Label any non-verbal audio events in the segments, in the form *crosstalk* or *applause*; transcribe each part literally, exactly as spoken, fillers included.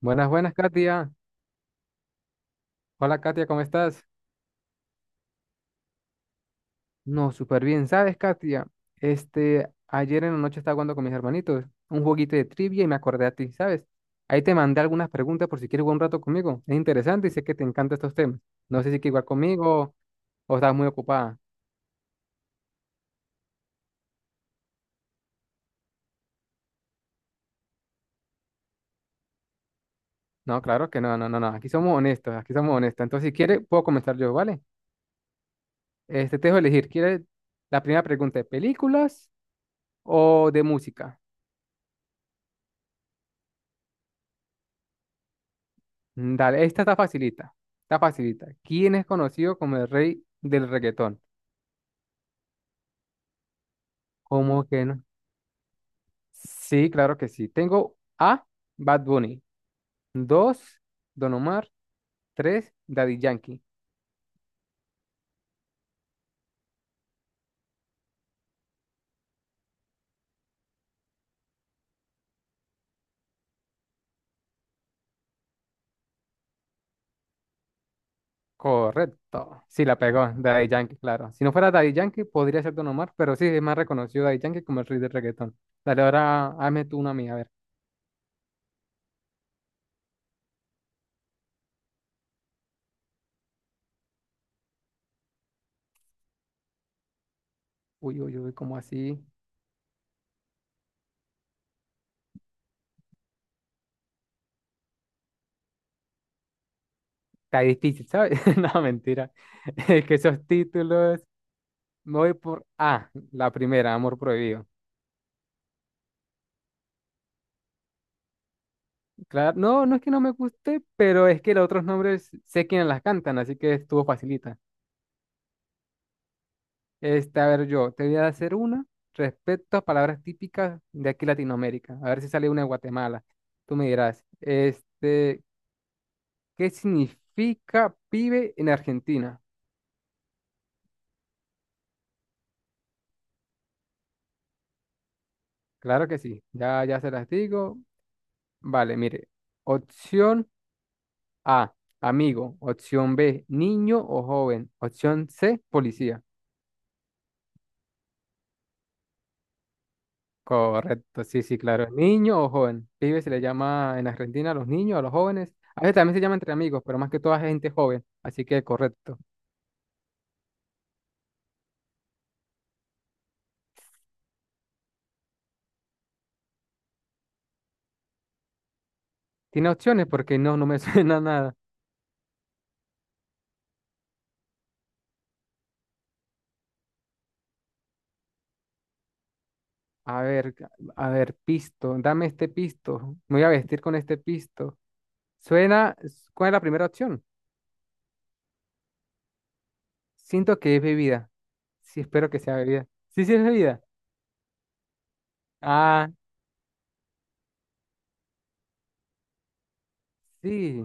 Buenas, buenas, Katia. Hola, Katia, ¿cómo estás? No, súper bien. ¿Sabes, Katia? Este, ayer en la noche estaba jugando con mis hermanitos un jueguito de trivia y me acordé a ti, ¿sabes? Ahí te mandé algunas preguntas por si quieres jugar un rato conmigo. Es interesante y sé que te encantan estos temas. No sé si quieres jugar conmigo o estás muy ocupada. No, claro que no, no, no, no. Aquí somos honestos, aquí somos honestos. Entonces, si quieres, puedo comenzar yo, ¿vale? Este, te dejo elegir. ¿Quieres la primera pregunta de películas o de música? Mm, Dale, esta está facilita. Está facilita. ¿Quién es conocido como el rey del reggaetón? ¿Cómo que no? Sí, claro que sí. Tengo A, Bad Bunny. Dos, Don Omar. Tres, Daddy Yankee. Correcto. Sí, la pegó. Daddy Yankee, claro. Si no fuera Daddy Yankee, podría ser Don Omar, pero sí, es más reconocido Daddy Yankee como el rey del reggaetón. Dale, ahora hazme tú una mía, a ver. Uy, uy, uy, ¿cómo así? Está difícil, ¿sabes? *laughs* No, mentira. *laughs* Es que esos títulos. Me voy por A, la primera, Amor Prohibido. Claro, no, no es que no me guste, pero es que los otros nombres sé quiénes las cantan, así que estuvo facilita. Este, a ver, yo te voy a hacer una respecto a palabras típicas de aquí Latinoamérica. A ver si sale una de Guatemala. Tú me dirás, este, ¿qué significa pibe en Argentina? Claro que sí, ya, ya se las digo. Vale, mire, opción A, amigo. Opción B, niño o joven. Opción C, policía. Correcto, sí, sí, claro. ¿Niño o joven? Pibe se le llama en Argentina a los niños, a los jóvenes. A veces también se llama entre amigos, pero más que todo a gente joven. Así que correcto. ¿Tiene opciones? Porque no, no me *laughs* suena nada. A ver, ca- a ver, pisto. Dame este pisto. Me voy a vestir con este pisto. Suena, ¿cuál es la primera opción? Siento que es bebida. Sí, espero que sea bebida. Sí, sí, es bebida. Ah, sí.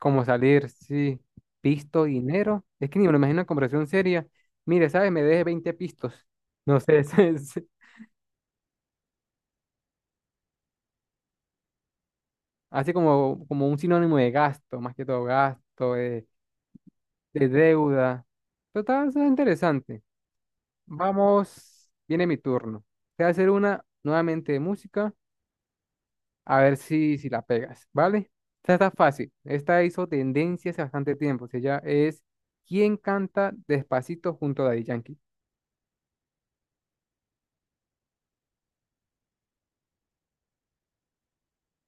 Como salir, sí, pisto, dinero. Es que ni me lo imagino en conversación seria. Mire, ¿sabes? Me deje veinte pistos. No sé, *laughs* es- es así como, como un sinónimo de gasto, más que todo gasto, de, de deuda. Total, eso es interesante. Vamos, viene mi turno. Te voy a hacer una nuevamente de música, a ver si, si la pegas, ¿vale? Esta está fácil. Esta hizo tendencia hace bastante tiempo. O sea, ya es. ¿Quién canta Despacito junto a Daddy Yankee?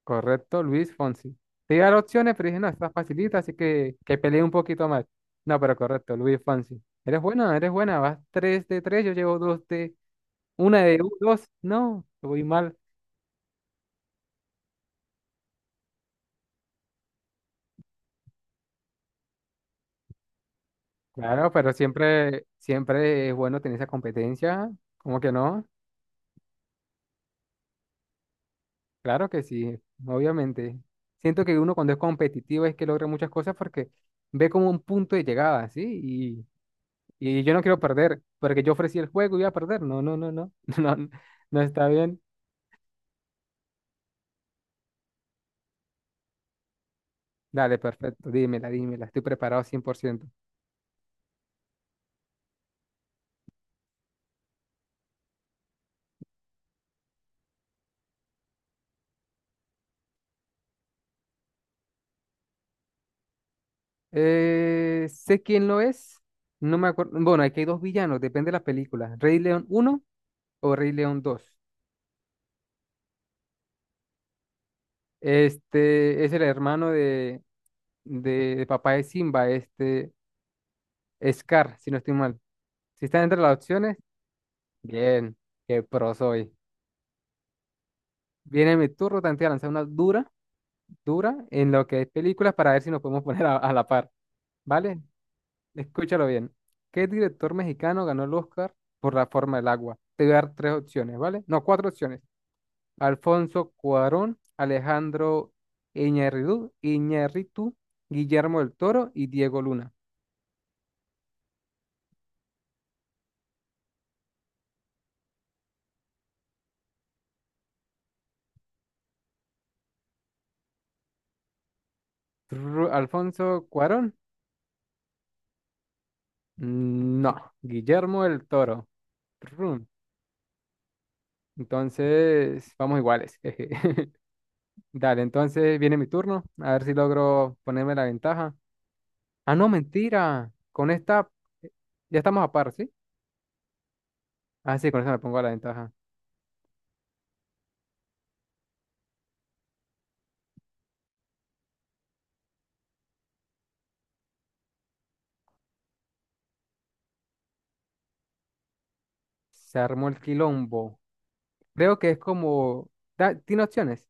Correcto, Luis Fonsi. Te iba a dar opciones, pero dije, no, está facilita, así que que peleé un poquito más. No, pero correcto, Luis Fonsi. Eres buena, eres buena, vas tres de tres, yo llevo dos de... Una de dos no, voy mal. Claro, pero siempre, siempre es bueno tener esa competencia, ¿cómo que no? Claro que sí, obviamente. Siento que uno cuando es competitivo es que logra muchas cosas porque ve como un punto de llegada, ¿sí? Y yo no quiero perder, porque yo ofrecí el juego y iba a perder. No, no, no, no, *laughs* no, no está bien. Dale, perfecto, dímela, dímela, estoy preparado cien por ciento. Eh, sé quién lo es, no me acuerdo. Bueno, aquí hay dos villanos, depende de la película. Rey León uno o Rey León dos. Este es el hermano de, de, de papá de Simba, este Scar, si no estoy mal. Si están entre las opciones, bien, qué pro soy. Viene mi turno, te voy a lanzar una dura dura en lo que es películas para ver si nos podemos *laughs* poner a, a la par, ¿vale? Escúchalo bien. ¿Qué director mexicano ganó el Oscar por La forma del agua? Te voy a dar tres opciones, ¿vale? No, cuatro opciones. Alfonso Cuarón, Alejandro Iñárritu, Iñárritu, Guillermo del Toro y Diego Luna. Tru- Alfonso Cuarón, no, Guillermo del Toro. Tru. Entonces, vamos iguales. *laughs* jeje. Dale, entonces viene mi turno, a ver si logro ponerme la ventaja. Ah, no, mentira. Con esta eh, ya estamos a par, ¿sí? Ah, sí, con esta me pongo a la ventaja. Se armó el quilombo. Creo que es como... da- tiene opciones.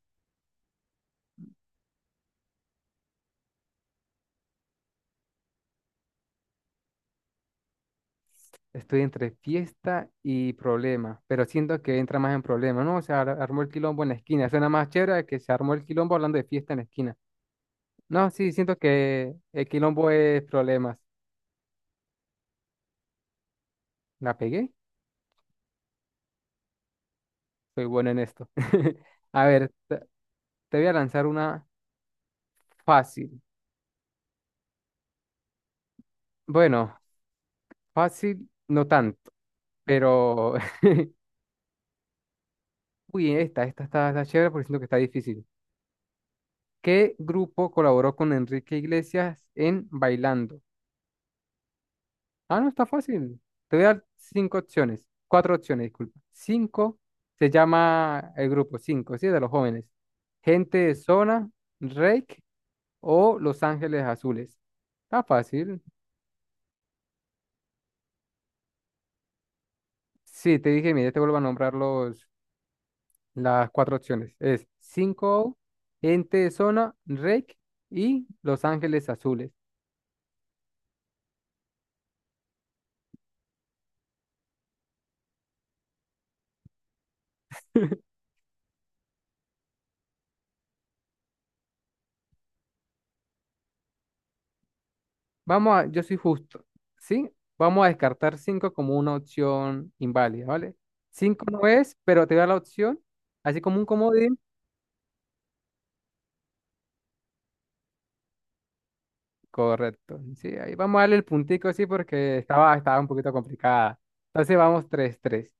Estoy entre fiesta y problema, pero siento que entra más en problema, ¿no? Se ar- armó el quilombo en la esquina. Suena más chévere que se armó el quilombo hablando de fiesta en la esquina. No, sí, siento que el quilombo es problemas. ¿La pegué? Soy bueno en esto. *laughs* A ver, te te voy a lanzar una fácil. Bueno, fácil, no tanto. Pero, *laughs* uy, esta, esta está, está chévere porque siento que está difícil. ¿Qué grupo colaboró con Enrique Iglesias en Bailando? Ah, no, está fácil. Te voy a dar cinco opciones. Cuatro opciones, disculpa. Cinco se llama el grupo, cinco, ¿sí? De los jóvenes. Gente de Zona, Rake o Los Ángeles Azules. Está fácil. Sí, te dije, mira, te vuelvo a nombrar los, las cuatro opciones. Es cinco, O, Gente de Zona, Rake y Los Ángeles Azules. *laughs* Vamos a, yo soy justo, ¿sí? Vamos a descartar cinco como una opción inválida, ¿vale? Cinco no es, pero te voy a dar la opción, así como un comodín, correcto. Sí, ahí vamos a darle el puntico, sí, porque estaba, estaba un poquito complicada. Entonces vamos tres tres.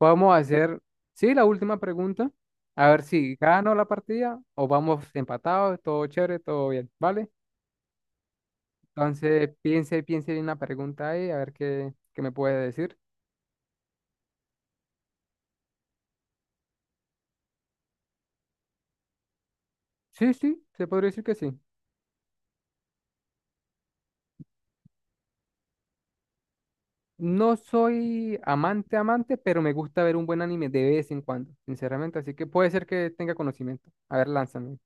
Vamos a hacer, sí, la última pregunta, a ver si gano la partida o vamos empatados, todo chévere, todo bien, ¿vale? Entonces piense, piense en una pregunta ahí, a ver qué, qué me puede decir. Sí, sí, se podría decir que sí. No soy amante, amante, pero me gusta ver un buen anime de vez en cuando, sinceramente. Así que puede ser que tenga conocimiento. A ver, lánzame.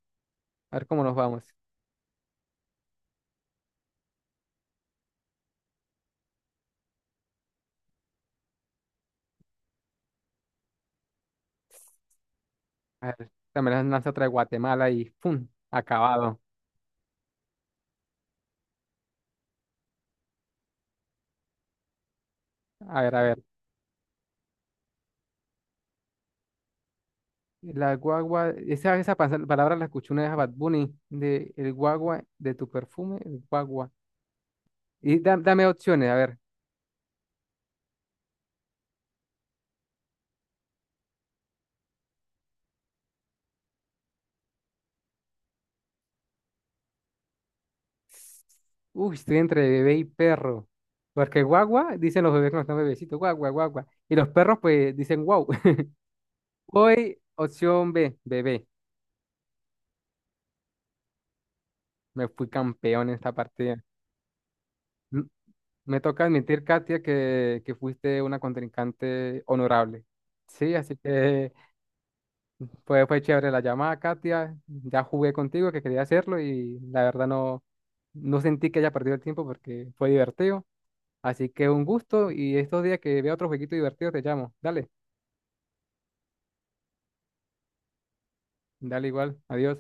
A ver cómo nos vamos. A ver, también las lanza otra de Guatemala y ¡pum! Acabado. A ver, a ver. La guagua, esa, esa pa- palabra la escuché una vez a Bad Bunny, de el guagua de tu perfume, el guagua. Y da- dame opciones, a ver. Uy, estoy entre bebé y perro. Porque guagua, dicen los bebés cuando están bebecitos, guagua, guagua. Y los perros, pues, dicen wow. Voy, opción B, bebé. Me fui campeón en esta partida. M- Me toca admitir, Katia, que, que fuiste una contrincante honorable. Sí, así que fue, fue chévere la llamada, Katia. Ya jugué contigo, que quería hacerlo y la verdad no, no sentí que haya perdido el tiempo porque fue divertido. Así que un gusto y estos días que vea otro jueguito divertido te llamo. Dale, dale igual. Adiós.